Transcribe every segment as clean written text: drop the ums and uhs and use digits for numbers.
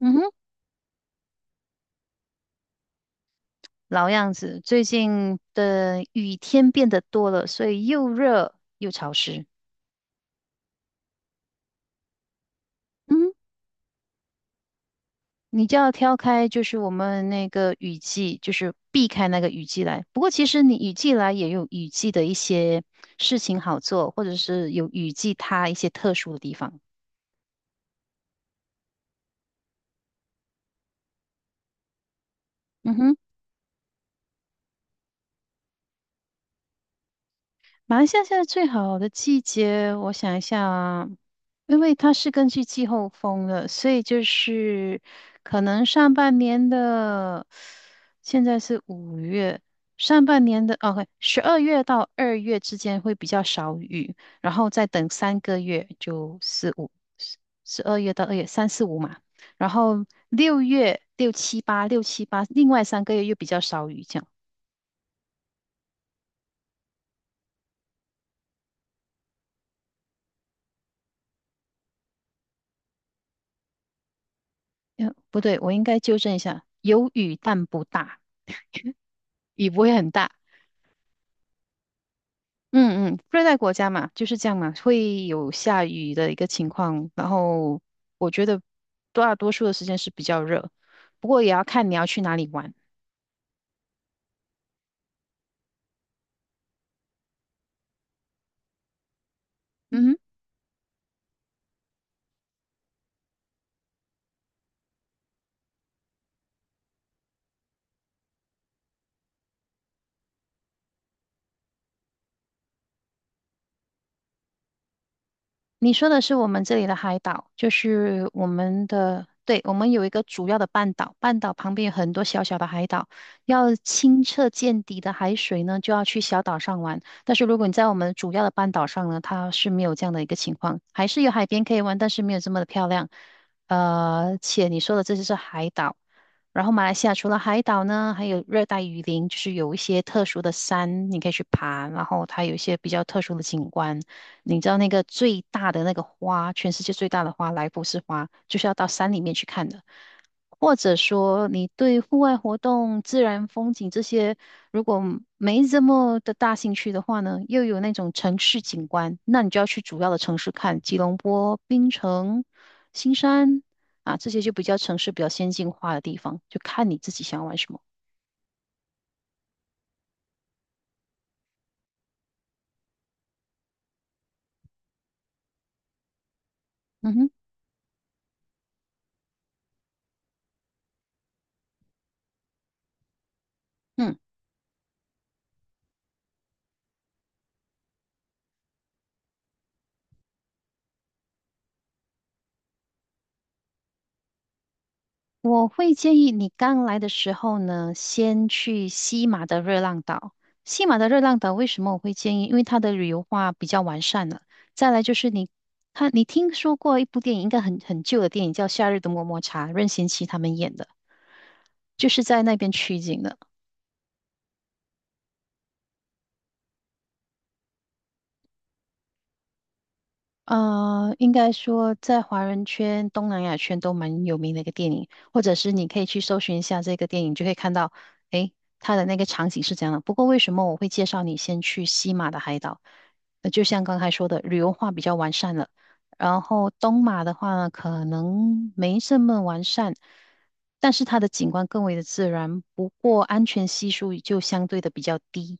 嗯哼，老样子，最近的雨天变得多了，所以又热又潮湿。嗯，你就要挑开，就是我们那个雨季，就是避开那个雨季来。不过其实你雨季来也有雨季的一些事情好做，或者是有雨季它一些特殊的地方。嗯哼。马来西亚现在最好的季节，我想一下啊，因为它是根据季候风的，所以就是可能上半年的，现在是5月，上半年的哦，十二月到二月之间会比较少雨，然后再等三个月就四五，十二月到二月三四五嘛，然后6月六七八六七八，另外三个月又比较少雨，这样。不对，我应该纠正一下，有雨但不大。雨不会很大。嗯嗯，热带国家嘛，就是这样嘛，会有下雨的一个情况。然后我觉得大多数的时间是比较热，不过也要看你要去哪里玩。嗯哼。你说的是我们这里的海岛，就是我们的，对，我们有一个主要的半岛，半岛旁边有很多小小的海岛。要清澈见底的海水呢，就要去小岛上玩。但是如果你在我们主要的半岛上呢，它是没有这样的一个情况，还是有海边可以玩，但是没有这么的漂亮。且你说的这就是海岛。然后马来西亚除了海岛呢，还有热带雨林，就是有一些特殊的山，你可以去爬，然后它有一些比较特殊的景观。你知道那个最大的那个花，全世界最大的花，莱佛士花，就是要到山里面去看的。或者说，你对户外活动、自然风景这些，如果没这么的大兴趣的话呢，又有那种城市景观，那你就要去主要的城市看，吉隆坡、槟城、新山啊，这些就比较城市比较先进化的地方，就看你自己想要玩什么。嗯哼。嗯。我会建议你刚来的时候呢，先去西马的热浪岛。西马的热浪岛为什么我会建议？因为它的旅游化比较完善了。再来就是你看，你听说过一部电影，应该很旧的电影，叫《夏日的么么茶》，任贤齐他们演的，就是在那边取景的。应该说在华人圈、东南亚圈都蛮有名的一个电影，或者是你可以去搜寻一下这个电影，就可以看到，诶，它的那个场景是怎样的。不过为什么我会介绍你先去西马的海岛？就像刚才说的，旅游化比较完善了。然后东马的话呢，可能没这么完善，但是它的景观更为的自然，不过安全系数就相对的比较低。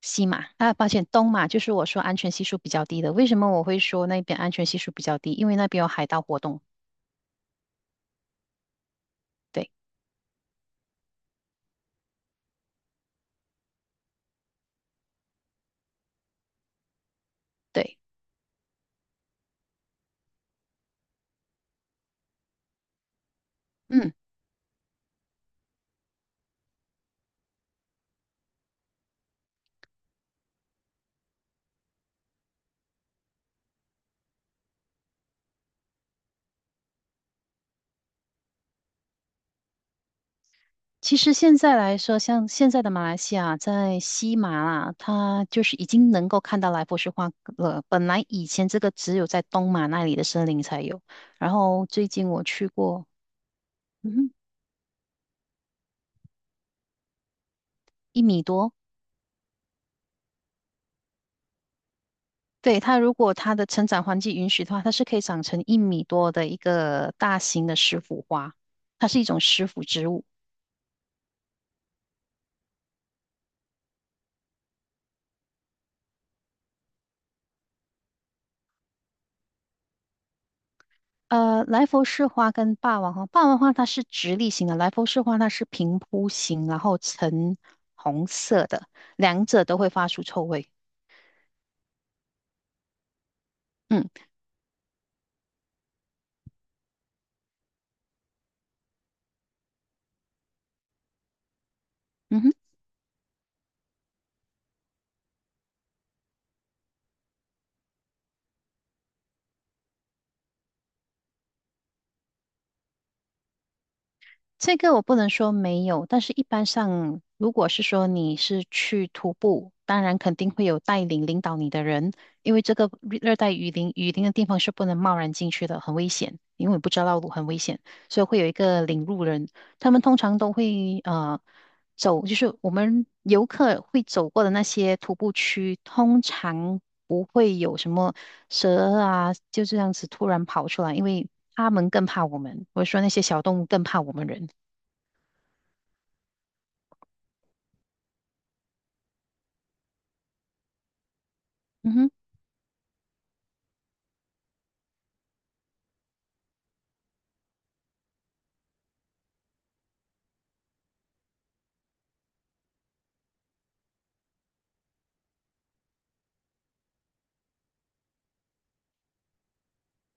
西马啊，抱歉，东马就是我说安全系数比较低的。为什么我会说那边安全系数比较低？因为那边有海盗活动。对对，嗯，其实现在来说，像现在的马来西亚，在西马啊，它就是已经能够看到来佛士花了。本来以前这个只有在东马那里的森林才有，然后最近我去过，嗯哼，一米多。对，它如果它的成长环境允许的话，它是可以长成一米多的一个大型的石斛花，它是一种石斛植物。来佛士花跟霸王花，霸王花它是直立型的，来佛士花它是平铺型，然后呈红色的，两者都会发出臭味。嗯嗯哼。这个我不能说没有，但是一般上，如果是说你是去徒步，当然肯定会有带领领导你的人，因为这个热带雨林，雨林的地方是不能贸然进去的，很危险，因为你不知道道路很危险，所以会有一个领路人，他们通常都会走，就是我们游客会走过的那些徒步区，通常不会有什么蛇啊，就这样子突然跑出来，因为他们更怕我们，我是说那些小动物更怕我们人。嗯哼，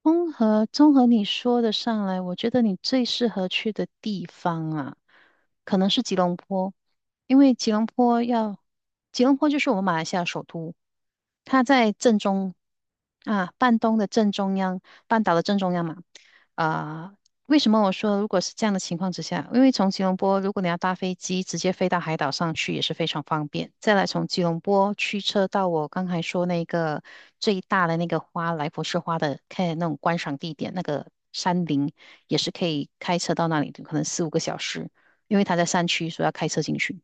综合你说的上来，我觉得你最适合去的地方啊，可能是吉隆坡，因为吉隆坡要，吉隆坡就是我们马来西亚首都，它在正中啊，半东的正中央，半岛的正中央嘛，啊、为什么我说如果是这样的情况之下，因为从吉隆坡如果你要搭飞机直接飞到海岛上去也是非常方便。再来从吉隆坡驱车到我刚才说那个最大的那个花来佛士花的看那种观赏地点，那个山林也是可以开车到那里的，可能四五个小时，因为它在山区，所以要开车进去。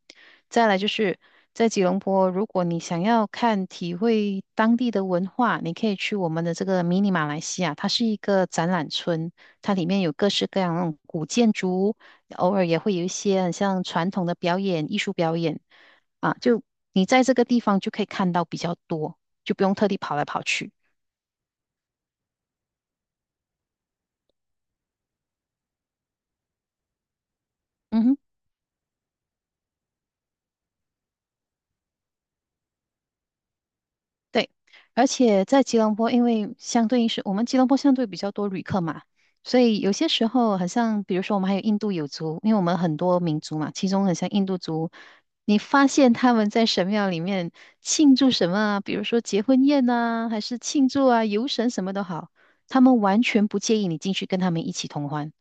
再来就是在吉隆坡，如果你想要看体会当地的文化，你可以去我们的这个迷你马来西亚，它是一个展览村。它里面有各式各样那种古建筑，偶尔也会有一些很像传统的表演、艺术表演啊，就你在这个地方就可以看到比较多，就不用特地跑来跑去。嗯哼。对，而且在吉隆坡，因为相对应是我们吉隆坡相对比较多旅客嘛，所以有些时候好像，比如说我们还有印度有族，因为我们很多民族嘛，其中很像印度族，你发现他们在神庙里面庆祝什么啊？比如说结婚宴呐、还是庆祝啊游神什么都好，他们完全不介意你进去跟他们一起同欢。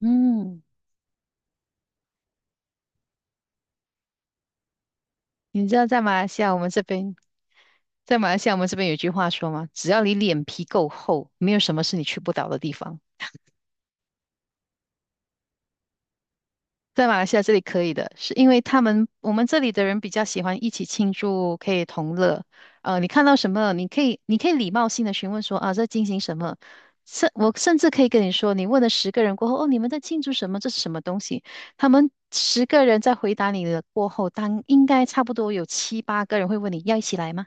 嗯，你知道在马来西亚我们这边，在马来西亚我们这边有句话说吗？只要你脸皮够厚，没有什么是你去不到的地方。在马来西亚这里可以的，是因为他们我们这里的人比较喜欢一起庆祝，可以同乐。你看到什么，你可以你可以礼貌性的询问说啊，在进行什么。我甚至可以跟你说，你问了十个人过后，哦，你们在庆祝什么？这是什么东西？他们十个人在回答你的过后，当应该差不多有七八个人会问你要一起来吗？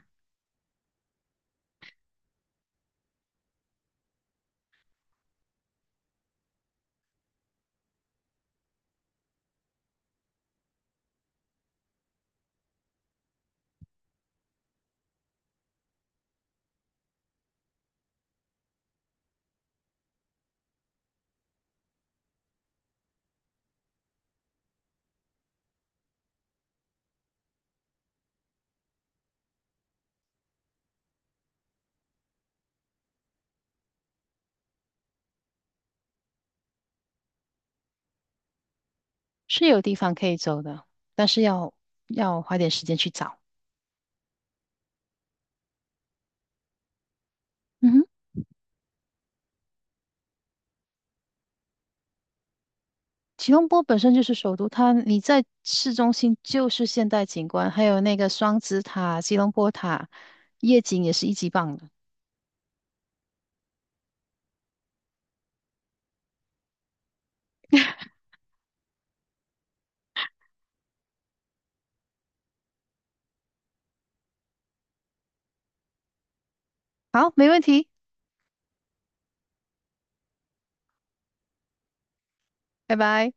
是有地方可以走的，但是要花点时间去找。嗯哼。吉隆坡本身就是首都，它你在市中心就是现代景观，还有那个双子塔、吉隆坡塔，夜景也是一级棒的。好，没问题，拜拜。